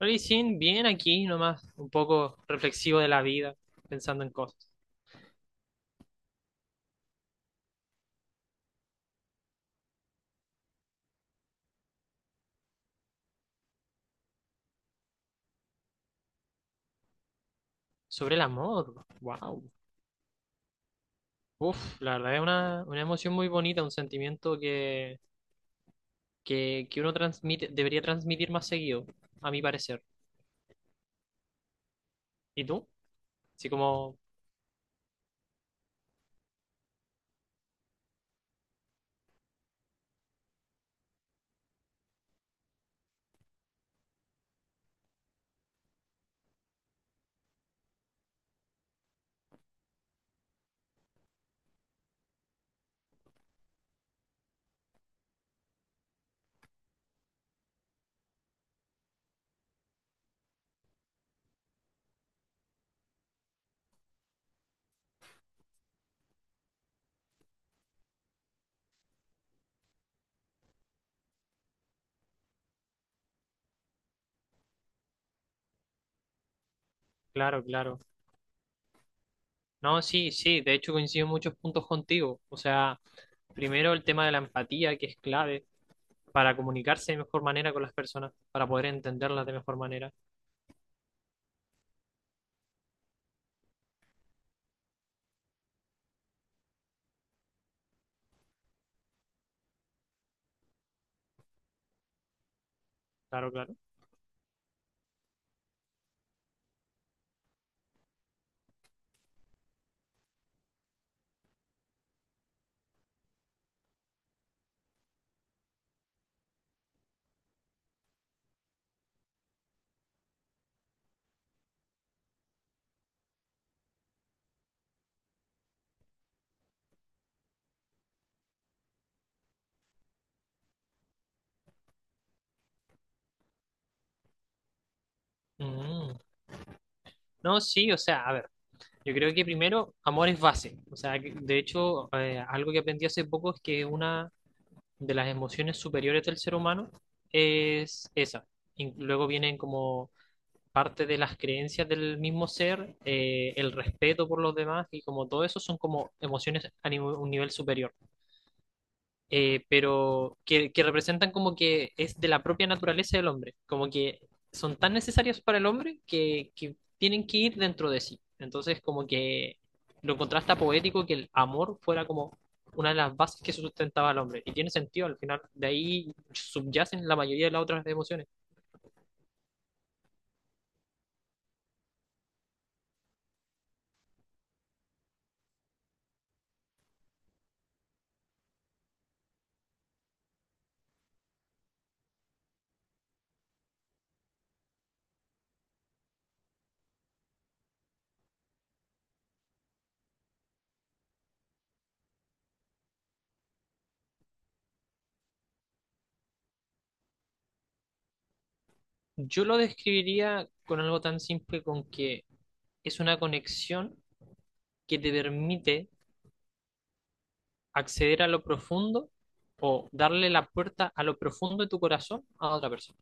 Rally Sin, bien aquí nomás, un poco reflexivo de la vida, pensando en cosas. Sobre el amor, wow. Uf, la verdad es una emoción muy bonita, un sentimiento que uno transmite, debería transmitir más seguido, a mi parecer. ¿Y tú? Así como, claro, claro. No, sí, sí, de hecho coincido en muchos puntos contigo. O sea, primero el tema de la empatía, que es clave para comunicarse de mejor manera con las personas, para poder entenderlas de mejor manera. Claro, claro. Mm. No, sí, o sea, a ver. Yo creo que primero, amor es base. O sea, algo que aprendí hace poco es que una de las emociones superiores del ser humano es esa. Y luego vienen como parte de las creencias del mismo ser, el respeto por los demás y como todo eso son como emociones a un nivel superior pero que representan como que es de la propia naturaleza del hombre, como que son tan necesarias para el hombre que tienen que ir dentro de sí. Entonces, como que lo contrasta poético que el amor fuera como una de las bases que sustentaba al hombre. Y tiene sentido, al final de ahí subyacen la mayoría de las otras emociones. Yo lo describiría con algo tan simple con que es una conexión que te permite acceder a lo profundo o darle la puerta a lo profundo de tu corazón a otra persona.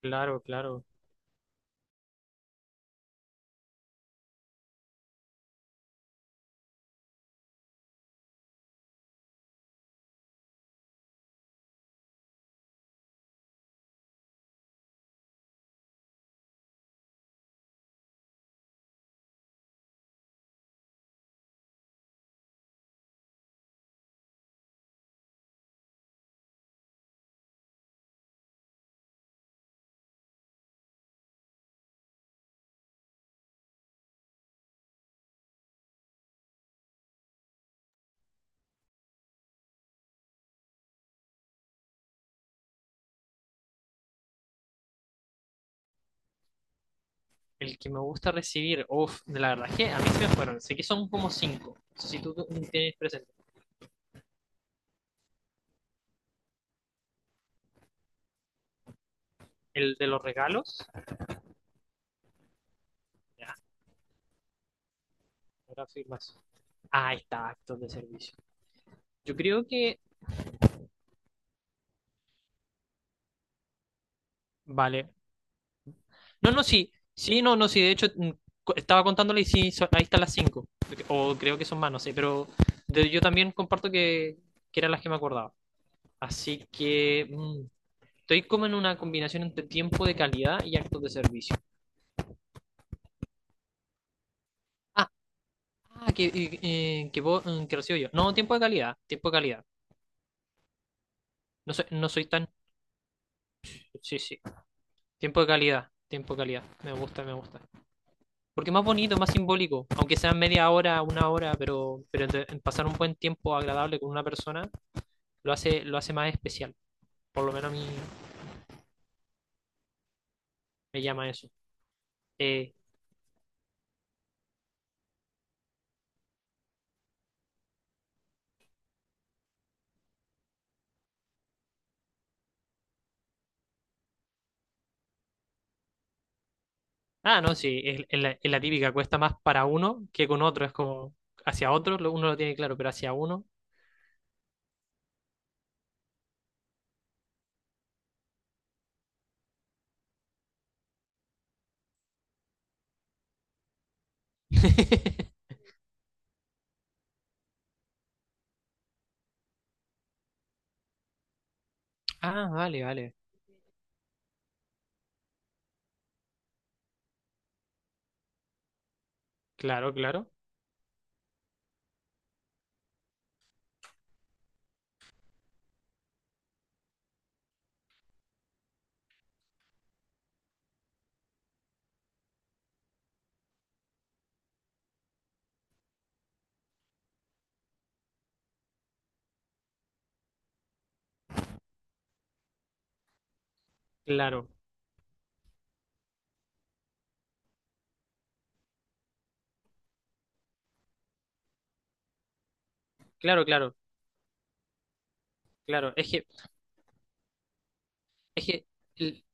Claro, claro. El que me gusta recibir, uff, la verdad es que a mí se me fueron. Sé que son como cinco. No sé si tú tienes presente el de los regalos, ya, ahora firmas. Ah, ahí está, actos de servicio. Yo creo que, vale. No, no, sí, sí, no, no, sí. De hecho, estaba contándole y sí, ahí están las cinco. O creo que son más, no sé, pero yo también comparto que eran las que me acordaba. Así que, estoy como en una combinación entre tiempo de calidad y actos de servicio. Ah, vos, que recibo yo. No, tiempo de calidad, tiempo de calidad. No soy, no soy tan... Sí, sí. Tiempo de calidad, tiempo de calidad. Me gusta, me gusta. Porque es más bonito, más simbólico. Aunque sea media hora, una hora, pero, en pasar un buen tiempo agradable con una persona lo hace más especial. Por lo menos a mí me llama eso. Eh, no, sí, es, es la típica. Cuesta más para uno que con otro. Es como hacia otro, uno lo tiene claro, pero hacia uno Ah, vale, vale. Claro, claro, claro, claro, claro, claro. Es que el-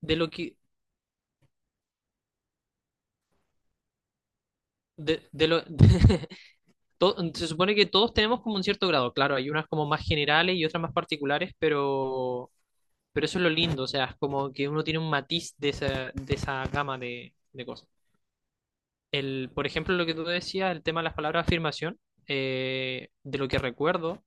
de lo que, de lo, se supone que todos tenemos como un cierto grado. Claro, hay unas como más generales y otras más particulares, pero eso es lo lindo. O sea, es como que uno tiene un matiz de esa gama de cosas. El, por ejemplo, lo que tú decías, el tema de las palabras afirmación, de lo que recuerdo.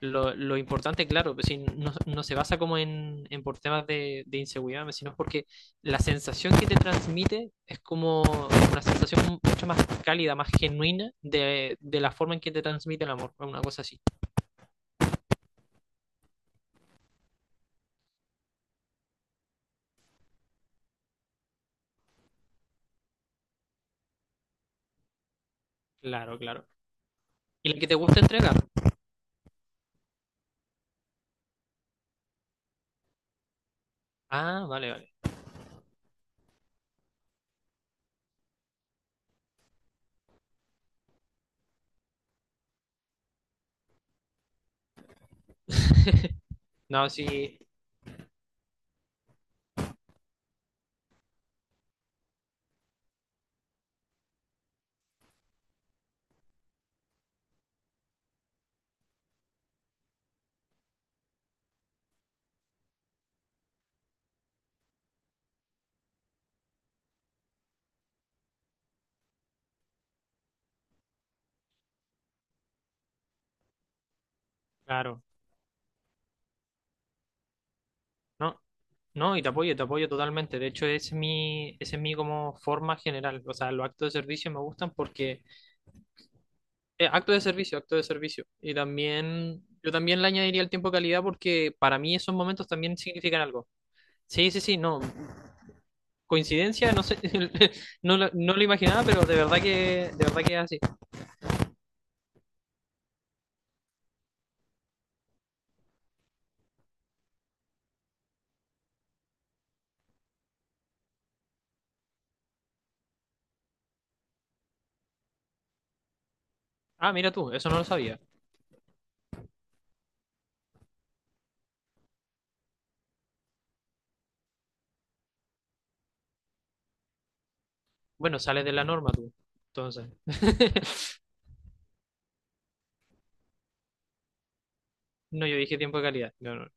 Lo importante, claro, pues, si no, no se basa como en por temas de inseguridad, pues, sino porque la sensación que te transmite es como una sensación mucho más cálida, más genuina de la forma en que te transmite el amor, una cosa así. Claro, claro. ¿Y la que te gusta entregar? Ah, vale, vale. No, sí, claro. No, no, y te apoyo totalmente. De hecho, es mi, ese es mi como forma general. O sea, los actos de servicio me gustan porque acto de servicio, acto de servicio. Y también, yo también le añadiría el tiempo de calidad porque para mí esos momentos también significan algo. Sí, sí, sí, no. Coincidencia, no sé, no, no lo imaginaba, pero de verdad que es así. Ah, mira tú, eso no lo sabía. Bueno, sales de la norma tú. Entonces. No, yo dije tiempo de calidad. No, no,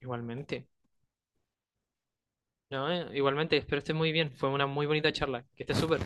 igualmente. No, igualmente, espero estés muy bien. Fue una muy bonita charla. Que estés súper.